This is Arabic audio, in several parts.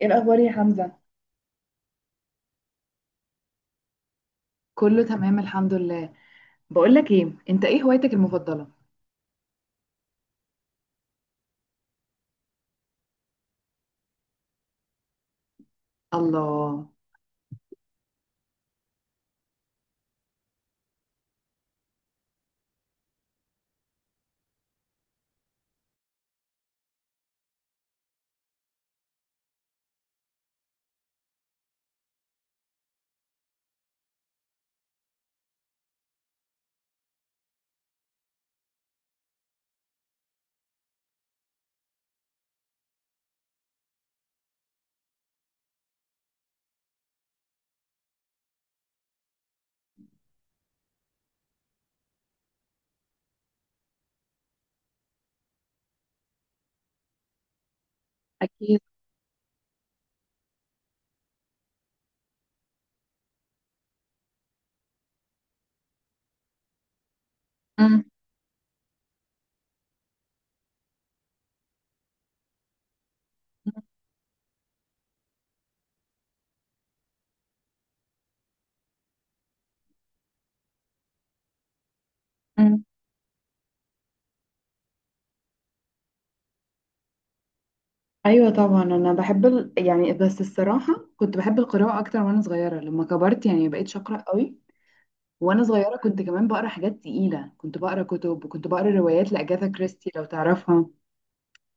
ايه الاخبار يا حمزه؟ كله تمام الحمد لله. بقول لك ايه، انت ايه هوايتك المفضله؟ الله. أكيد. أم. أم. ايوه طبعا، انا بحب يعني بس الصراحه كنت بحب القراءه اكتر وانا صغيره، لما كبرت يعني ما بقتش اقرا قوي. وانا صغيره كنت كمان بقرا حاجات تقيله، كنت بقرا كتب وكنت بقرا روايات لاجاثا كريستي لو تعرفها.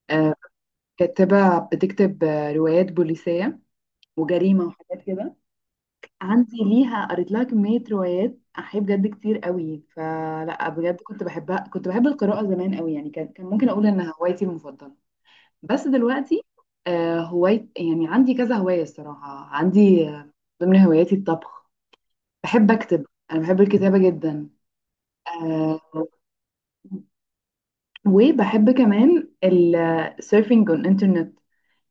آه. كاتبه بتكتب روايات بوليسيه وجريمه وحاجات كده. عندي ليها قريت لها كمية روايات، أحيي بجد كتير قوي، فلا بجد كنت بحبها، كنت بحب القراءة زمان قوي يعني، كان ممكن أقول إنها هوايتي المفضلة. بس دلوقتي هواي يعني عندي كذا هواية، الصراحة عندي ضمن هواياتي الطبخ. بحب أكتب، أنا بحب الكتابة جدا. آه. وبحب كمان السيرفنج on الإنترنت.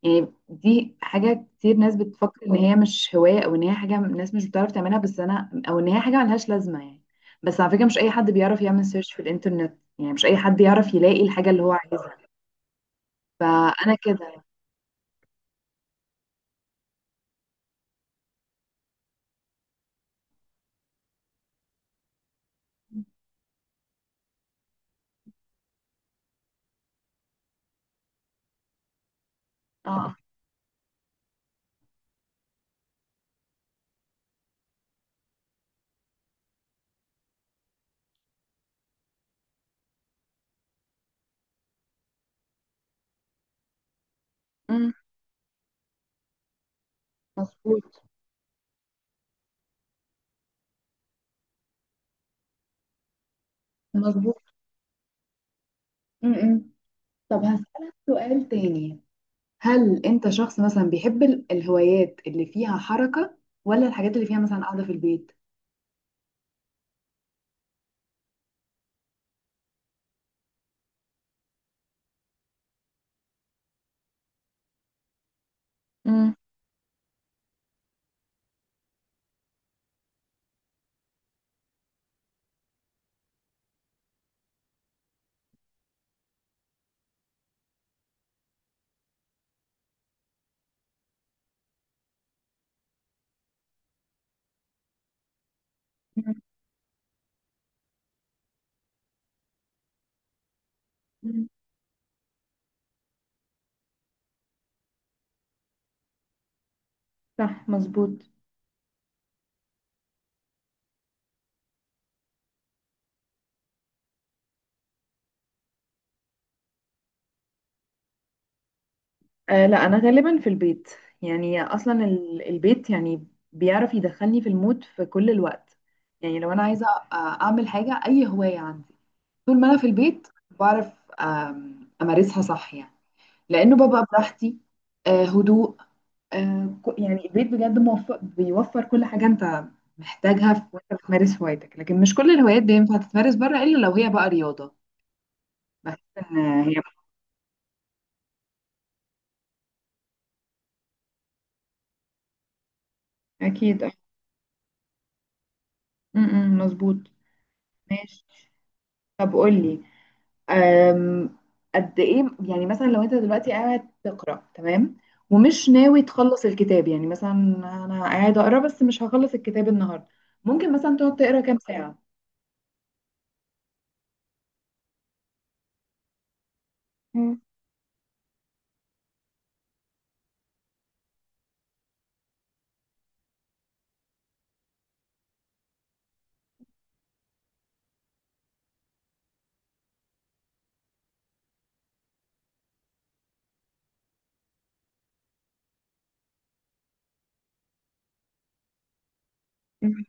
يعني دي حاجة كتير ناس بتفكر إن هي مش هواية، أو إن هي حاجة الناس مش بتعرف تعملها بس أنا، أو إن هي حاجة ملهاش لازمة يعني. بس على فكرة مش أي حد بيعرف يعمل سيرش في الإنترنت، يعني مش أي حد يعرف يلاقي الحاجة اللي هو عايزها. فأنا كده. اه. أمم. مظبوط. مظبوط. أمم. طب هسألك سؤال تاني، هل أنت شخص مثلا بيحب الهوايات اللي فيها حركة، ولا الحاجات اللي فيها مثلا قاعدة في البيت؟ أمم. أمم. صح. مظبوط. آه، لا انا غالبا في البيت. يعني اصلا البيت يعني بيعرف يدخلني في المود في كل الوقت. يعني لو انا عايزه اعمل حاجه اي هوايه عندي، طول ما انا في البيت بعرف امارسها صح يعني. لانه ببقى براحتي. آه، هدوء. يعني البيت بجد موفر بيوفر كل حاجه انت محتاجها في وانت بتمارس هوايتك، لكن مش كل الهوايات بينفع تتمارس بره الا لو هي بقى رياضه. بحس ان هي. اكيد. أه. م- م، مظبوط. ماشي. طب قولي. أم. قد ايه يعني مثلا لو انت دلوقتي قاعد تقرا تمام، ومش ناوي تخلص الكتاب يعني مثلا، انا قاعد اقرا بس مش هخلص الكتاب النهارده، ممكن مثلا تقعد تقرا كام ساعه؟ مم. مم.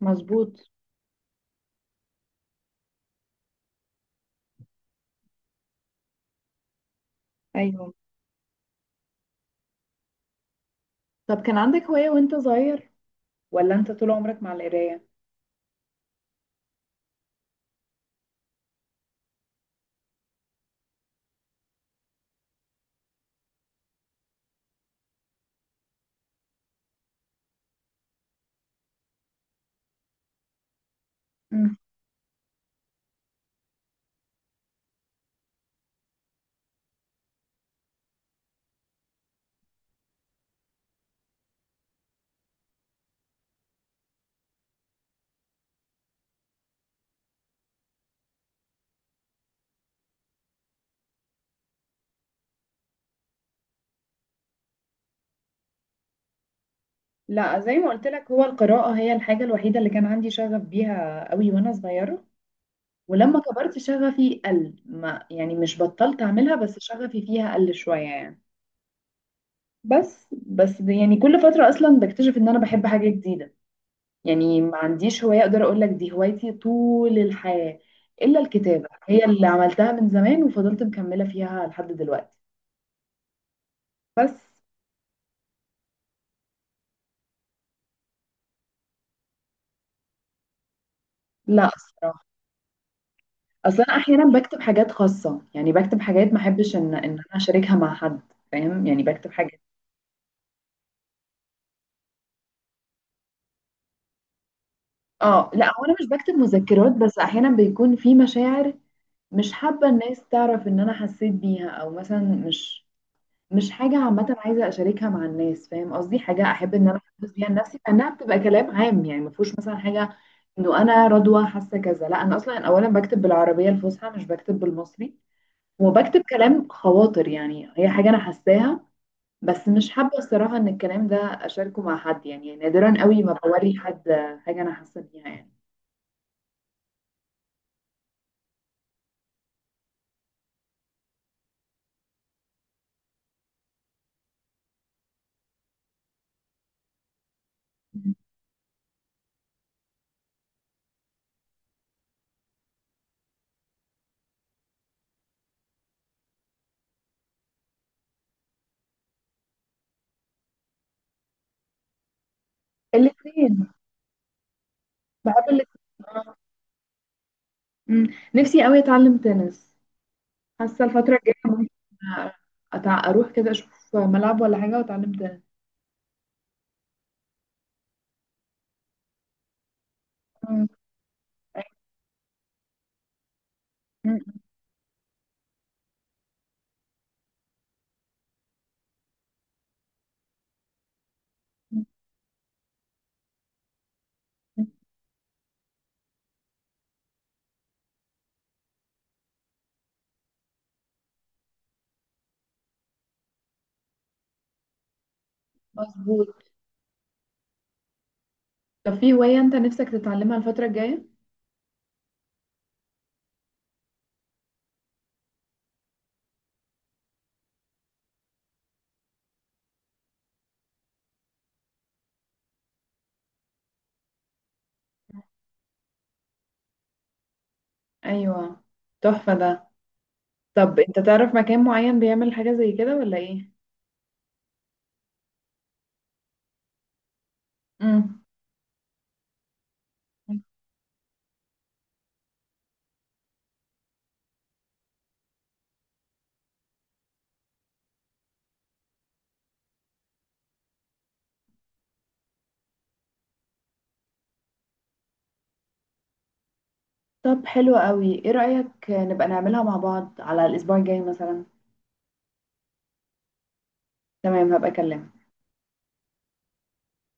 مظبوط. ايوه. طب كان عندك هوايه وانت صغير، ولا انت طول عمرك مع القرايه؟ مم. لا، زي ما قلت لك هو القراءه هي الحاجه الوحيده اللي كان عندي شغف بيها قوي وانا صغيره، ولما كبرت شغفي قل، ما يعني مش بطلت اعملها بس شغفي فيها قل شويه يعني. بس ده يعني كل فترة أصلا بكتشف إن أنا بحب حاجة جديدة. يعني ما عنديش هواية أقدر أقول لك دي هوايتي طول الحياة إلا الكتابة، هي اللي عملتها من زمان وفضلت مكملة فيها لحد دلوقتي. بس. لا الصراحة. أصلا أنا أحيانا بكتب حاجات خاصة يعني بكتب حاجات ما أحبش إن أنا أشاركها مع حد. فاهم يعني بكتب حاجات. آه، لا هو أنا مش بكتب مذكرات، بس أحيانا بيكون في مشاعر. مش حابة الناس تعرف إن أنا حسيت بيها، أو مثلا مش حاجة عامة عايزة أشاركها مع الناس. فاهم قصدي حاجة أحب إن أنا أحدث بيها لنفسي، لأنها بتبقى كلام عام يعني ما فيهوش مثلا حاجة إنه أنا رضوى حاسة كذا. لا أنا أصلا أولا بكتب بالعربية الفصحى، مش بكتب بالمصري. وبكتب كلام خواطر يعني هي حاجة أنا حاساها. بس مش حابة الصراحة إن الكلام ده أشاركه مع حد، يعني نادرا قوي ما بوري حد حاجة أنا حاسة بيها يعني. الاثنين. بحب الاثنين. آه. أمم. نفسي قوي أتعلم تنس. حاسه الفتره الجايه ممكن اروح كده اشوف ملعب ولا حاجه واتعلم تاني. مم. مم. مم. مم. مظبوط. طب في هوايه انت نفسك تتعلمها الفتره الجايه؟ ايوه تحفه ده. طب انت تعرف مكان معين بيعمل حاجه زي كده ولا ايه؟ امم. مم. طب حلو قوي، ايه رايك نبقى نعملها مع بعض على الاسبوع الجاي مثلا؟ تمام، هبقى اكلمك.